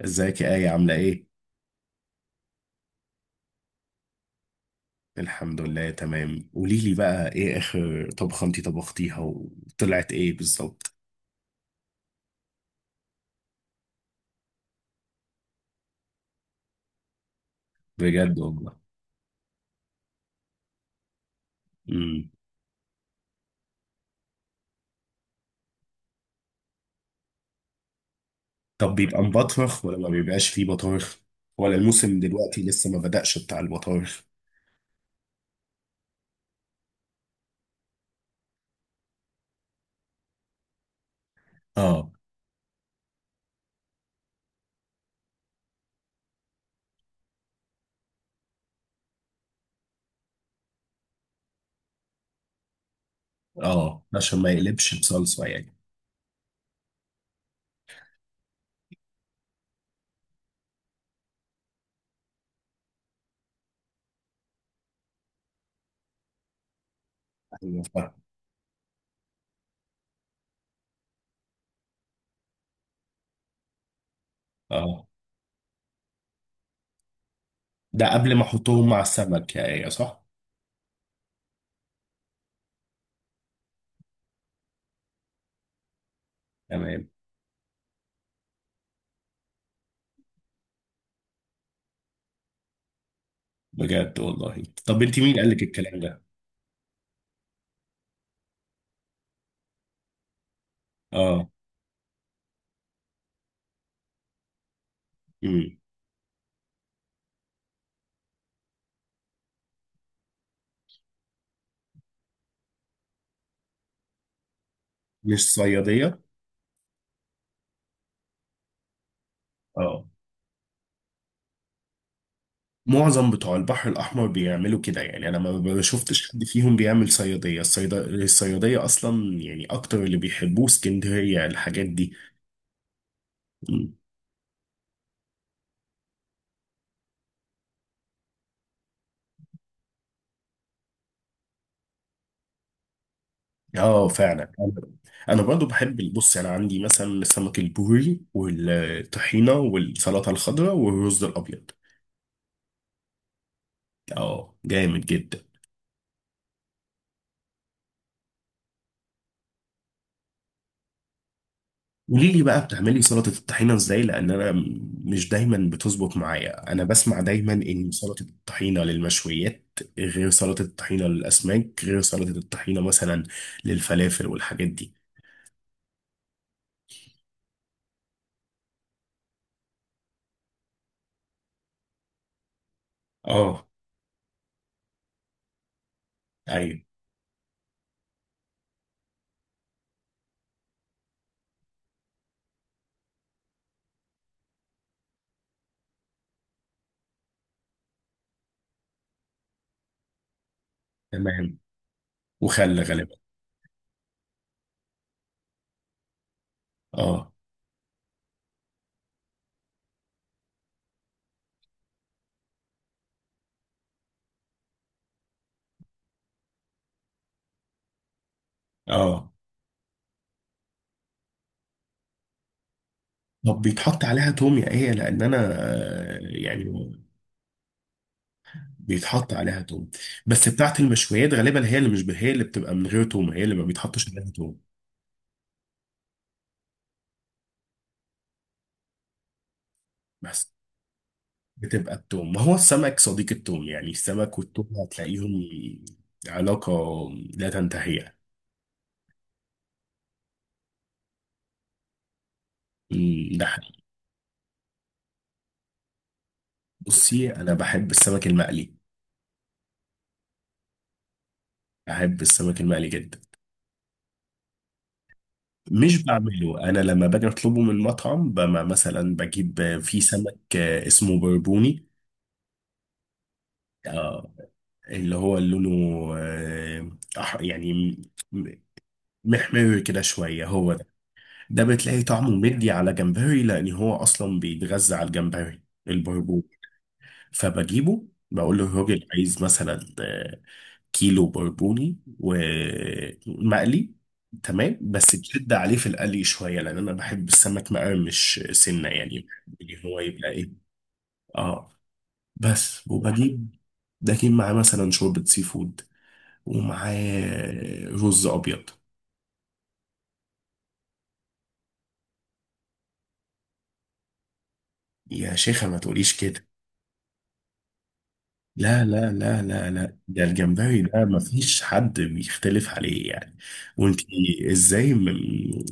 ازيك يا آية عاملة ايه؟ الحمد لله تمام. قولي لي بقى ايه اخر طبخة انتي طبختيها وطلعت ايه بالظبط؟ بجد والله. امم. طب بيبقى مبطرخ ولا ما بيبقاش فيه بطارخ؟ ولا الموسم دلوقتي لسه ما بدأش بتاع البطارخ؟ اه. اه، عشان ما يقلبش بصلصة يعني. ايوه، فاهم. اه. ده قبل ما احطهم مع السمك يا آية صح؟ تمام. بجد والله. طب انتي مين قال لك الكلام ده؟ اه. امم. مش صيادية؟ اه. معظم بتوع البحر الأحمر بيعملوا كده، يعني أنا ما شفتش حد فيهم بيعمل صيادية. الصيادية أصلا، يعني أكتر اللي بيحبوه اسكندرية الحاجات دي. مم. آه، فعلا. أنا برضو بحب. بص أنا عندي مثلا سمك البوري والطحينة والسلطة الخضراء والرز الأبيض. آه، جامد جدا. قولي لي بقى بتعملي سلطة الطحينة ازاي، لان انا مش دايما بتظبط معايا. انا بسمع دايما ان سلطة الطحينة للمشويات، غير سلطة الطحينة للاسماك، غير سلطة الطحينة مثلا للفلافل والحاجات دي. اه. ايوه. تمام. وخل غالبا. اه. اه. طب بيتحط عليها توم يا ايه؟ لان انا يعني بيتحط عليها توم. بس بتاعت المشويات غالبا هي اللي مش هي اللي بتبقى من غير توم، هي اللي ما بيتحطش عليها توم. بس. بتبقى التوم. ما هو السمك صديق التوم، يعني السمك والتوم هتلاقيهم علاقة لا تنتهي. أمم، ده حقيقي. بصي، أنا بحب السمك المقلي. بحب السمك المقلي جدا. مش بعمله، أنا لما باجي أطلبه من مطعم، بما مثلا بجيب في سمك اسمه بربوني. آه، اللي هو لونه آه، يعني م- محمر كده شوية، هو ده. ده بتلاقي طعمه مدي على جمبري، لأن هو أصلا بيتغذى على الجمبري، البربوني. فبجيبه بقول له الراجل عايز مثلا كيلو بربوني ومقلي. تمام، بس تشد عليه في القلي شويه، لان انا بحب السمك مقرمش سنه، يعني بحب ان هو يبقى ايه. اه. بس بجيب معاه مثلا شوربه سي فود، ومعاه رز ابيض. يا شيخه ما تقوليش كده. لا، لا، لا، لا، لا، ده الجمبري ده مفيش حد بيختلف عليه يعني. وانت، ازاي؟ من،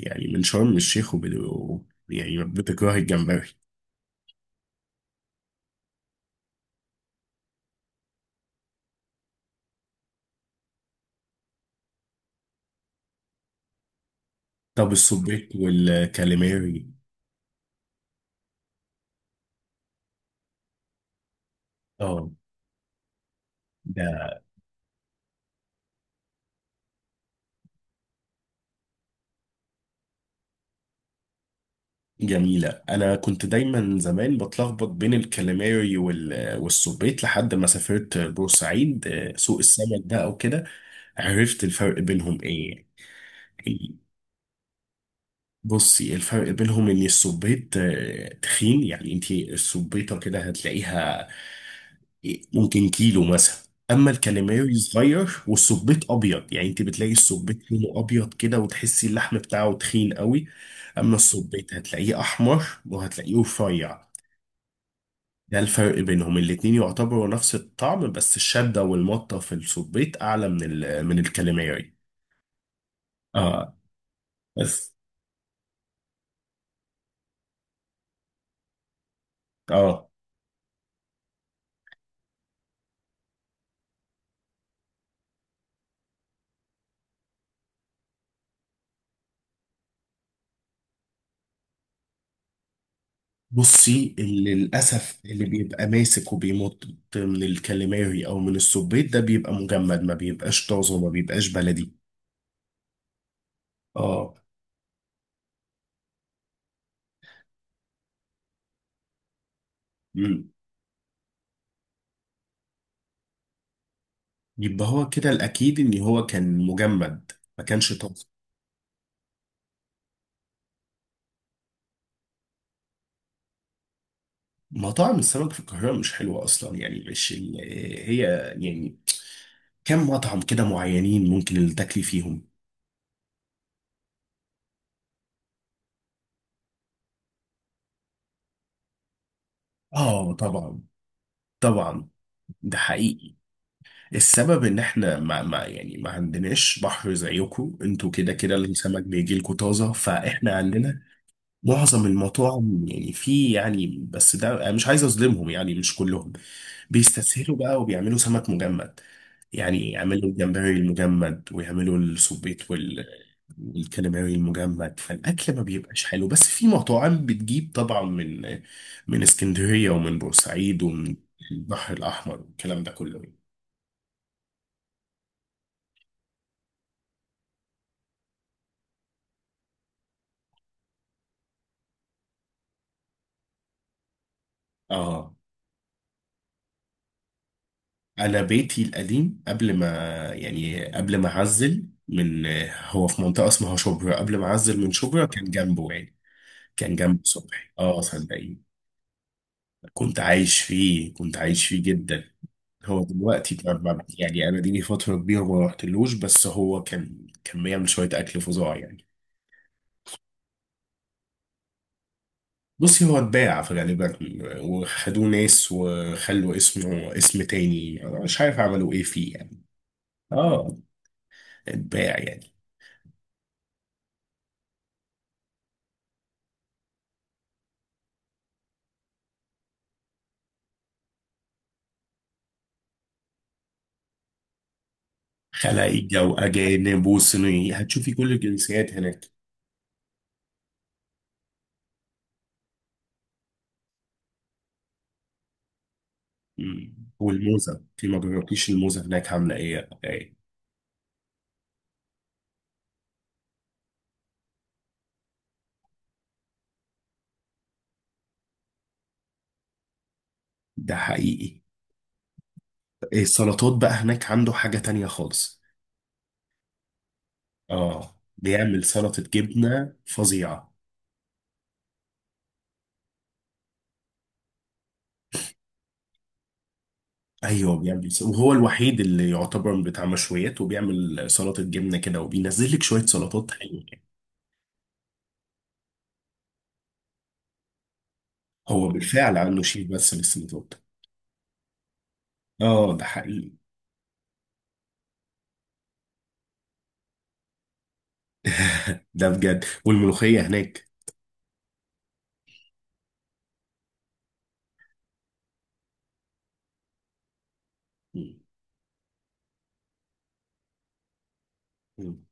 يعني من شرم الشيخ وبدو، يعني بتكره الجمبري؟ طب السبيط والكاليماري؟ اه، ده جميلة. أنا كنت دايما زمان بتلخبط بين الكاليماري والسبيط لحد ما سافرت بورسعيد، سوق السمك ده أو كده. عرفت الفرق بينهم إيه يعني؟ بصي، الفرق بينهم ان السبيط تخين، يعني انت السبيطه كده هتلاقيها ممكن كيلو مثلا. اما الكاليماري صغير والسبيط ابيض، يعني انت بتلاقي السبيط لونه ابيض كده وتحسي اللحم بتاعه تخين قوي. اما السبيط هتلاقيه احمر، وهتلاقيه رفيع. ده الفرق بينهم، الاتنين يعتبروا نفس الطعم، بس الشده والمطه في السبيط اعلى من من الكاليماري. اه. بس. اه. بصي، اللي للأسف اللي بيبقى ماسك وبيمط من الكاليماري أو من السبيط، ده بيبقى مجمد، ما بيبقاش طازه وما بيبقاش بلدي. اه. مم. يبقى هو كده الأكيد إن هو كان مجمد، ما كانش طازه. مطاعم السمك في القاهرة مش حلوة أصلا، يعني مش هي، يعني، كم مطعم كده معينين ممكن اللي تاكلي فيهم. آه، طبعا. طبعا. ده حقيقي. السبب ان احنا ما يعني ما عندناش بحر زيكم. انتوا كده كده السمك بيجي لكم طازه، فاحنا عندنا معظم المطاعم، يعني في، يعني، بس ده أنا مش عايز اظلمهم، يعني مش كلهم بيستسهلوا بقى وبيعملوا سمك مجمد. يعني يعملوا الجمبري المجمد ويعملوا السبيط والكاليماري المجمد، فالاكل ما بيبقاش حلو. بس في مطاعم بتجيب طبعا من اسكندريه ومن بورسعيد ومن البحر الاحمر والكلام ده كله. اه، انا بيتي القديم قبل ما يعني قبل ما اعزل من، هو في منطقه اسمها شبرا، قبل ما اعزل من شبرا كان جنبه، يعني كان جنب صبحي، اه صدقيني. كنت عايش فيه، كنت عايش فيه جدا. هو دلوقتي يعني انا دي لي فتره كبيره ما رحتلوش، بس هو كان بيعمل شويه اكل فظاع يعني. بصي هو اتباع في غالبا، وخدوه ناس وخلوا اسمه اسم تاني، أنا مش عارف عملوا ايه فيه يعني. اه. اتباع يعني. خلايجة وأجانب وصينية، هتشوفي كل الجنسيات هناك. مم. والموزة انت ما جربتيش الموزة هناك عاملة ايه ايه؟ ده حقيقي. السلطات بقى هناك عنده حاجة تانية خالص. اه، بيعمل سلطة جبنة فظيعة. ايوه، بيعمل، وهو الوحيد اللي يعتبر بتاع مشويات وبيعمل سلطة جبنة كده وبينزل لك شوية سلطات حلوة. هو بالفعل عنده شيف بس للسلطات. اه، ده حقيقي. ده بجد. والملوخية هناك. مم. مم.